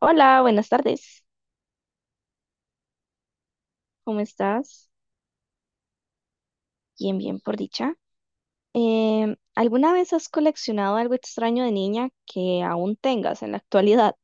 Hola, buenas tardes. ¿Cómo estás? Bien, bien, por dicha. ¿Alguna vez has coleccionado algo extraño de niña que aún tengas en la actualidad?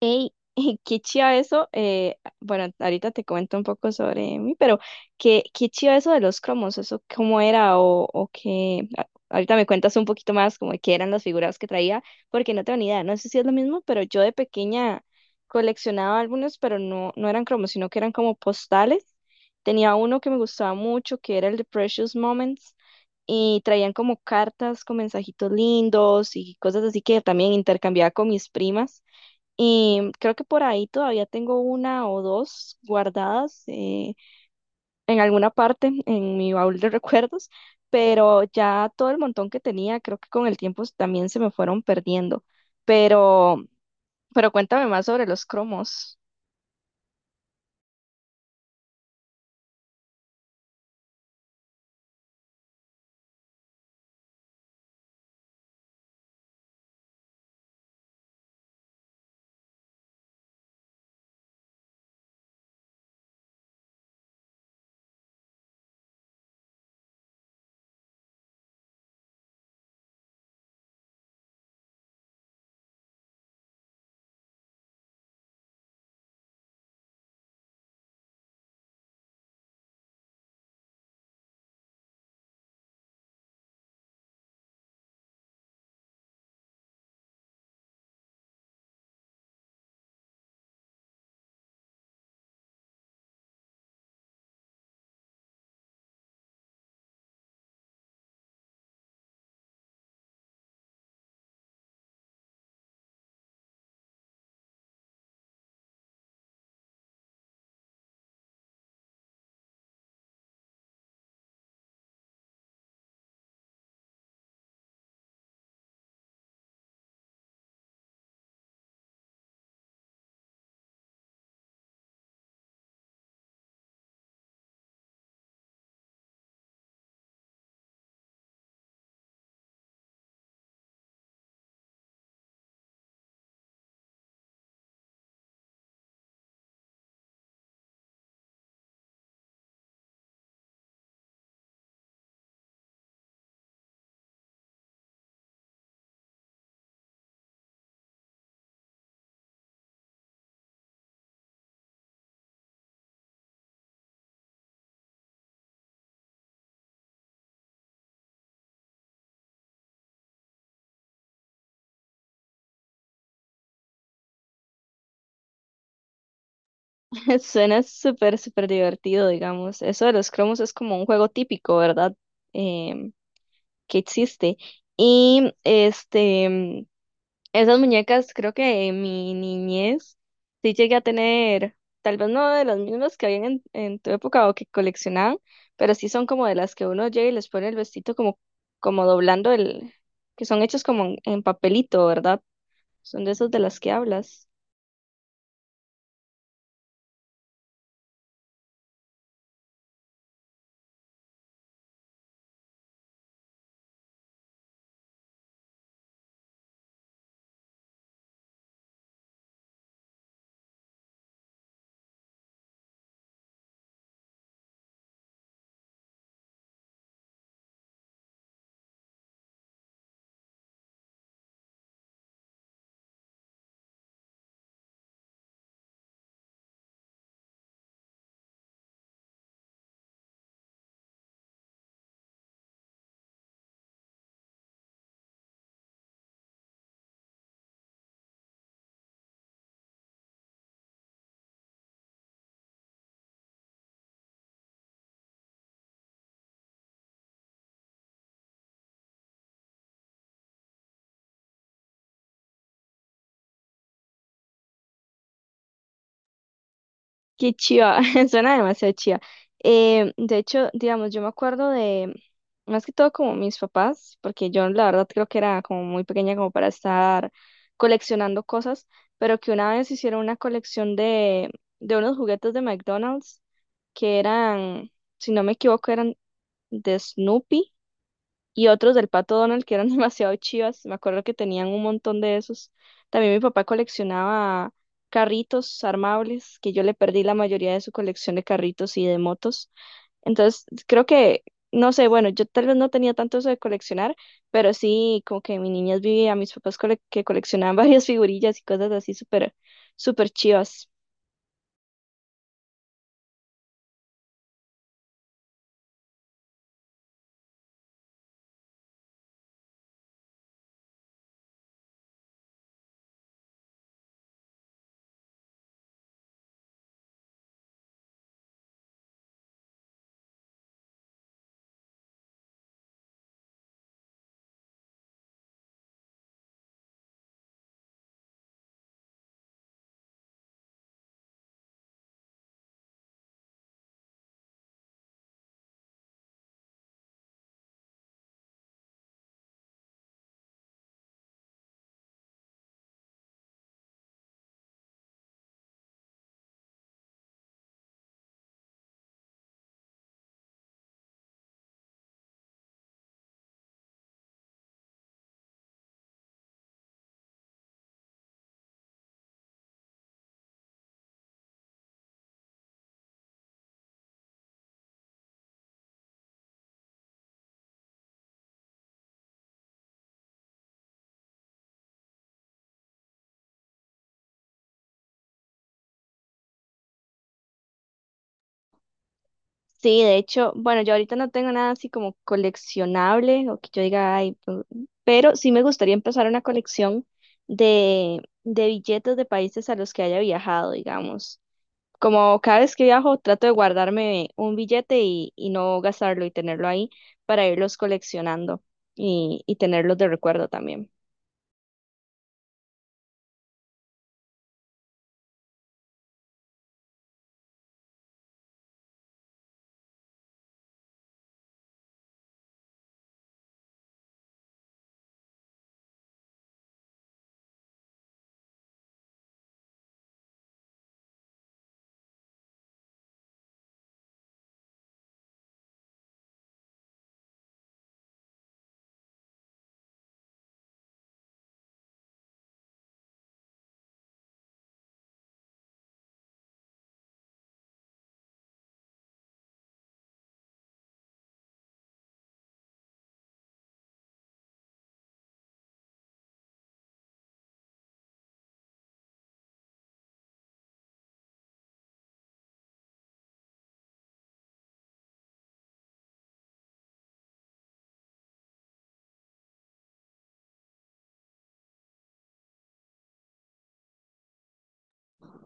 Ey, qué chiva eso. Bueno, ahorita te comento un poco sobre mí, pero qué chiva eso de los cromos, ¿eso cómo era o qué? Ahorita me cuentas un poquito más como de qué eran las figuras que traía, porque no tengo ni idea. No sé si es lo mismo, pero yo de pequeña coleccionaba algunos, pero no eran cromos, sino que eran como postales. Tenía uno que me gustaba mucho, que era el de Precious Moments, y traían como cartas con mensajitos lindos y cosas así que también intercambiaba con mis primas. Y creo que por ahí todavía tengo una o dos guardadas en alguna parte en mi baúl de recuerdos, pero ya todo el montón que tenía, creo que con el tiempo también se me fueron perdiendo. Pero, pero cuéntame más sobre los cromos. Suena súper divertido, digamos. Eso de los cromos es como un juego típico, ¿verdad? Em, que existe. Y esas muñecas, creo que en mi niñez sí llegué a tener, tal vez no de las mismas que habían en tu época o que coleccionaban, pero sí son como de las que uno llega y les pone el vestido como doblando el, que son hechos como en papelito, ¿verdad? Son de esas de las que hablas. Qué chiva, suena demasiado chiva. De hecho, digamos, yo me acuerdo de, más que todo como mis papás, porque yo la verdad creo que era como muy pequeña como para estar coleccionando cosas, pero que una vez hicieron una colección de unos juguetes de McDonald's que eran, si no me equivoco, eran de Snoopy y otros del Pato Donald que eran demasiado chivas. Me acuerdo que tenían un montón de esos. También mi papá coleccionaba carritos armables, que yo le perdí la mayoría de su colección de carritos y de motos. Entonces, creo no sé, bueno, yo tal vez no tenía tanto eso de coleccionar, pero sí, como que en mi niñez vi a mis papás que coleccionaban varias figurillas y cosas así súper chivas. Sí, de hecho, bueno, yo ahorita no tengo nada así como coleccionable o que yo diga, ay, pero sí me gustaría empezar una colección de billetes de países a los que haya viajado, digamos. Como cada vez que viajo, trato de guardarme un billete y no gastarlo y tenerlo ahí para irlos coleccionando y tenerlos de recuerdo también.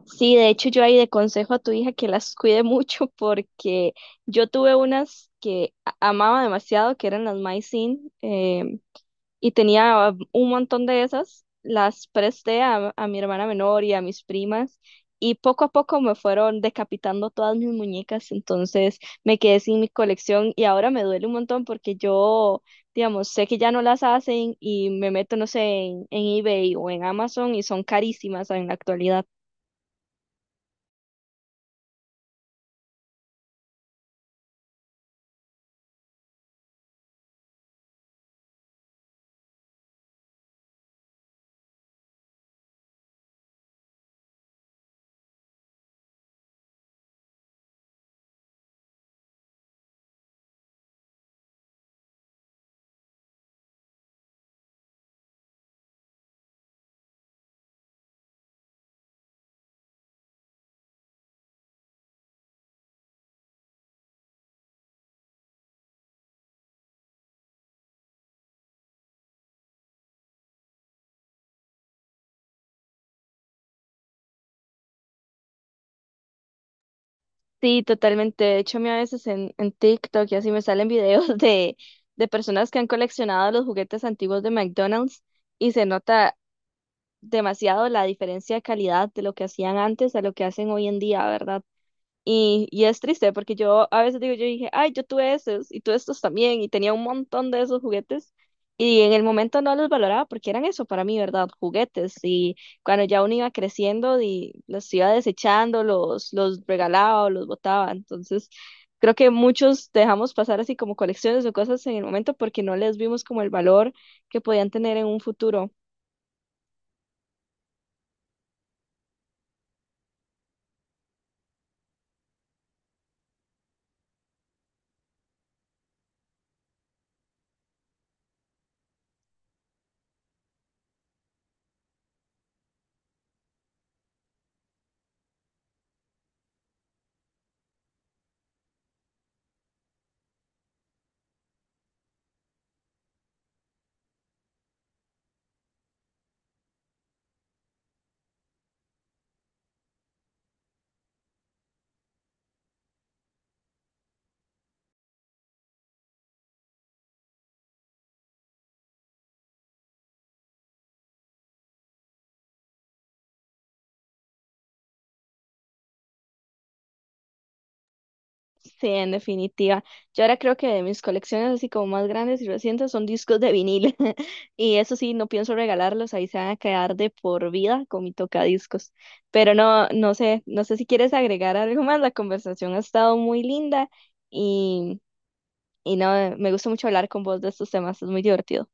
Sí, de hecho, yo ahí de consejo a tu hija que las cuide mucho porque yo tuve unas que amaba demasiado, que eran las My Scene, y tenía un montón de esas, las presté a mi hermana menor y a mis primas y poco a poco me fueron decapitando todas mis muñecas, entonces me quedé sin mi colección y ahora me duele un montón porque yo, digamos, sé que ya no las hacen y me meto, no sé, en eBay o en Amazon y son carísimas en la actualidad. Sí, totalmente. De hecho, a mí a veces en TikTok y así me salen videos de personas que han coleccionado los juguetes antiguos de McDonald's y se nota demasiado la diferencia de calidad de lo que hacían antes a lo que hacen hoy en día, ¿verdad? Y es triste porque yo a veces digo, yo dije, ay, yo tuve esos y tuve estos también y tenía un montón de esos juguetes y en el momento no los valoraba porque eran eso para mí, ¿verdad? Juguetes y cuando ya uno iba creciendo y los iba desechando, los regalaba o los botaba, entonces... Creo que muchos dejamos pasar así como colecciones o cosas en el momento porque no les vimos como el valor que podían tener en un futuro. Sí, en definitiva. Yo ahora creo que de mis colecciones así como más grandes y recientes son discos de vinil. Y eso sí, no pienso regalarlos, ahí se van a quedar de por vida con mi tocadiscos. Pero no, no sé, no sé si quieres agregar algo más. La conversación ha estado muy linda y, y no, me gusta mucho hablar con vos de estos temas, es muy divertido.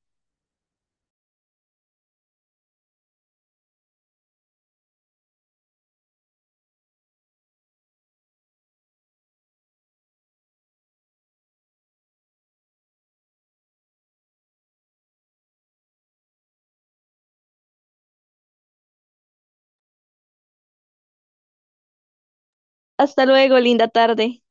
Hasta luego, linda tarde.